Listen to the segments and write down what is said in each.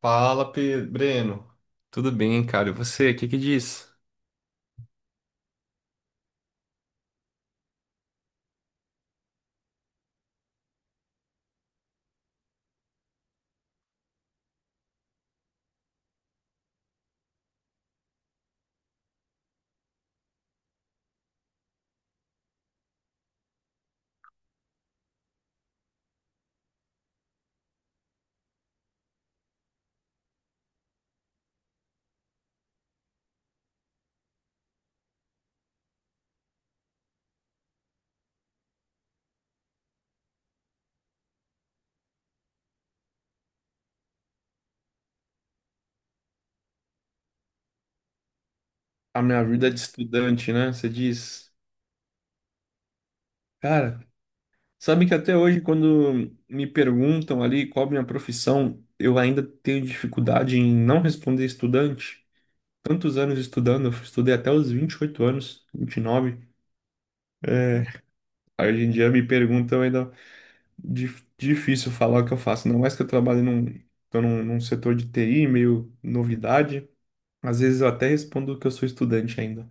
Fala, Breno. Tudo bem, cara? E você, o que que diz? A minha vida de estudante, né? Você diz. Cara, sabe que até hoje, quando me perguntam ali qual a minha profissão, eu ainda tenho dificuldade em não responder estudante. Tantos anos estudando, eu estudei até os 28 anos, 29. É, Aí hoje em dia me perguntam ainda difícil falar o que eu faço. Não, mais que eu trabalho num, num setor de TI, meio novidade. Às vezes eu até respondo que eu sou estudante ainda.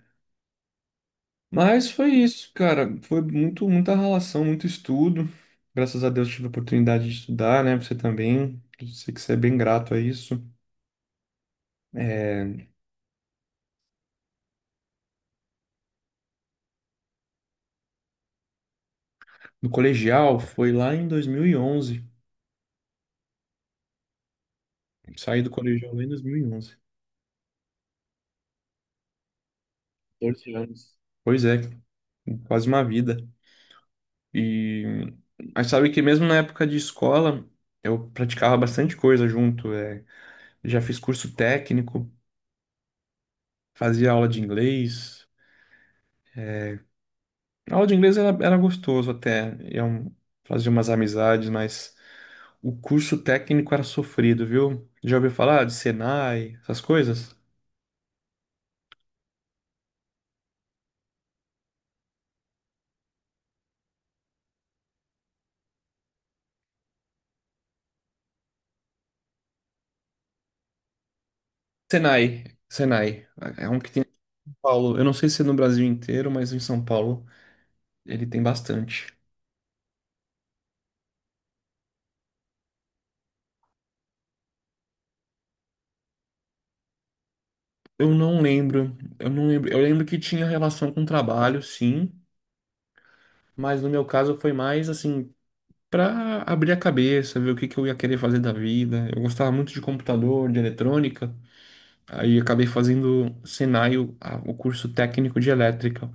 Mas foi isso, cara. Foi muito, muita relação, muito estudo. Graças a Deus tive a oportunidade de estudar, né? Você também. Eu sei que você é bem grato a isso. É, no colegial foi lá em 2011. Saí do colegial lá em 2011. 14 anos. Pois é, quase uma vida. E mas sabe que mesmo na época de escola eu praticava bastante coisa junto. É, já fiz curso técnico, fazia aula de inglês. A aula de inglês era, era gostoso até, eu fazia umas amizades, mas o curso técnico era sofrido, viu? Já ouviu falar de Senai, essas coisas? Senai, Senai, é um que tem em São Paulo. Eu não sei se é no Brasil inteiro, mas em São Paulo ele tem bastante. Eu não lembro. Eu lembro que tinha relação com trabalho, sim, mas no meu caso foi mais assim para abrir a cabeça, ver o que que eu ia querer fazer da vida. Eu gostava muito de computador, de eletrônica. Aí acabei fazendo Senai, o curso técnico de elétrica.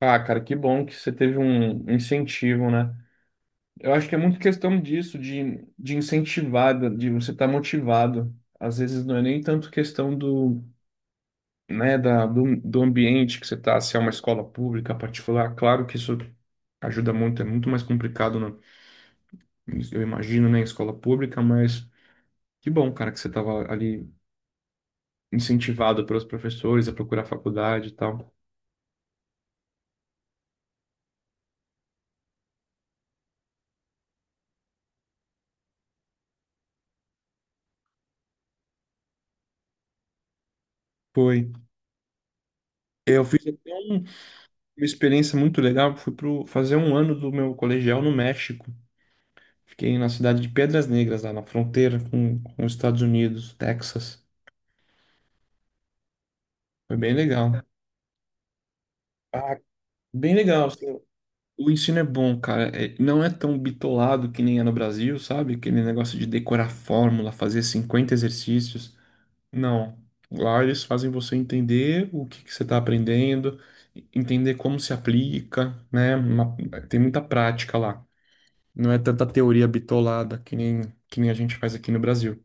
Ah, cara, que bom que você teve um incentivo, né? Eu acho que é muito questão disso, de incentivar, de você estar motivado. Às vezes não é nem tanto questão do, né, do ambiente que você está, se é uma escola pública, particular. Claro que isso ajuda muito, é muito mais complicado, né? Eu imagino, né, em escola pública, mas que bom, cara, que você estava ali incentivado pelos professores a procurar faculdade e tal. Foi. Eu fiz até uma experiência muito legal. Fui pro, fazer um ano do meu colegial no México. Fiquei na cidade de Pedras Negras, lá na fronteira com os Estados Unidos, Texas. Foi bem legal. Ah, bem legal, assim. O ensino é bom, cara. Não é tão bitolado que nem é no Brasil, sabe? Aquele negócio de decorar fórmula, fazer 50 exercícios. Não. Lá eles fazem você entender o que que você está aprendendo, entender como se aplica, né? Tem muita prática lá. Não é tanta teoria bitolada que nem a gente faz aqui no Brasil.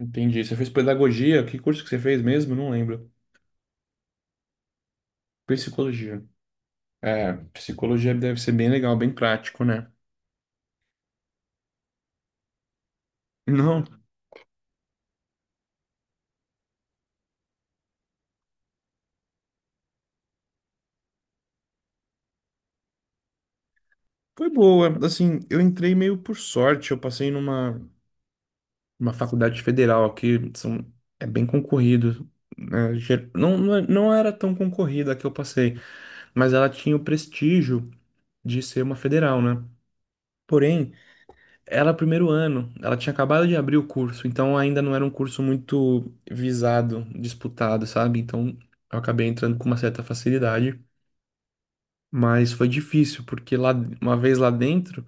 Entendi. Você fez pedagogia? Que curso que você fez mesmo? Não lembro. Psicologia. É, psicologia deve ser bem legal, bem prático, né? Não, foi boa. Assim, eu entrei meio por sorte. Eu passei uma faculdade federal aqui. São, é bem concorrido, né? Não, não, não era tão concorrida a que eu passei, mas ela tinha o prestígio de ser uma federal, né? Porém, ela, primeiro ano, ela tinha acabado de abrir o curso, então ainda não era um curso muito visado, disputado, sabe? Então eu acabei entrando com uma certa facilidade, mas foi difícil, porque lá, uma vez lá dentro,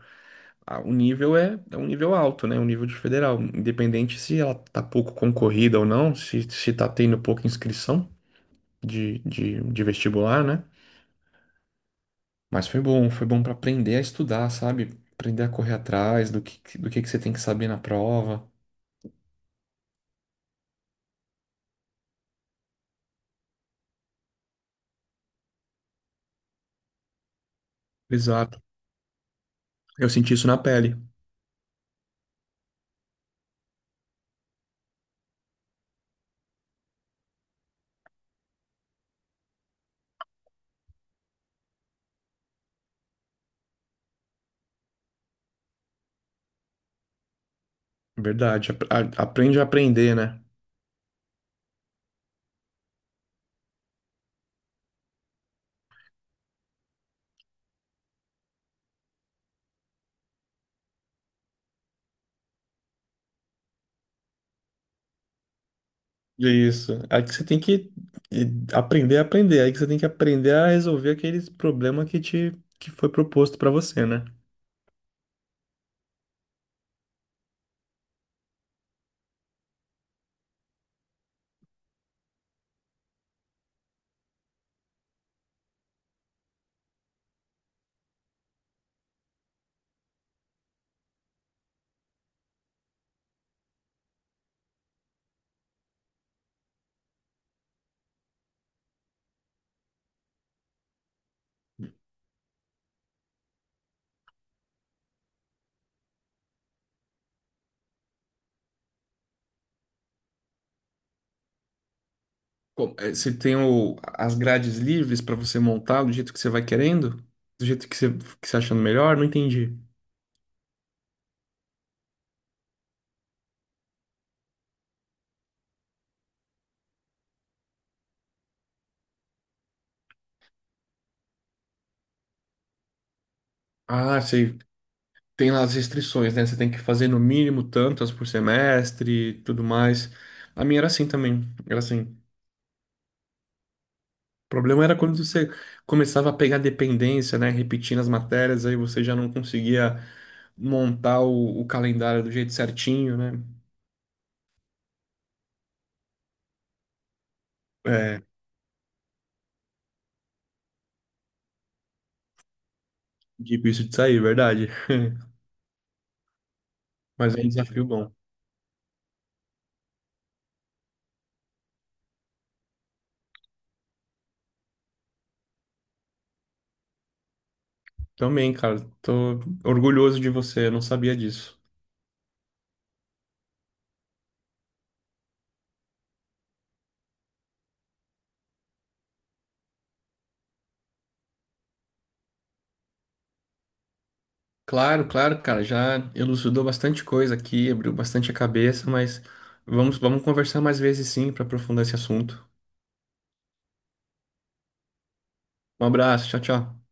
o nível é, é um nível alto, né? Um nível de federal, independente se ela tá pouco concorrida ou não, se tá tendo pouca inscrição de vestibular, né? Mas foi bom para aprender a estudar, sabe? Aprender a correr atrás do que você tem que saber na prova. Exato. Eu senti isso na pele, verdade. Aprende a aprender, né? Isso. Aí que você tem que eh, aprender a aprender. Aí que você tem que aprender a resolver aquele problema que te que foi proposto pra você, né? Você tem as grades livres pra você montar do jeito que você vai querendo? Do jeito que você achando melhor? Não entendi. Ah, você tem lá as restrições, né? Você tem que fazer no mínimo tantas por semestre e tudo mais. A minha era assim também. Era assim. O problema era quando você começava a pegar dependência, né? Repetindo as matérias, aí você já não conseguia montar o calendário do jeito certinho, né? É, difícil de sair, verdade. Mas é um desafio bom. Também, cara, tô orgulhoso de você, eu não sabia disso. Claro, claro, cara, já elucidou bastante coisa aqui, abriu bastante a cabeça, mas vamos conversar mais vezes sim para aprofundar esse assunto. Um abraço, tchau, tchau.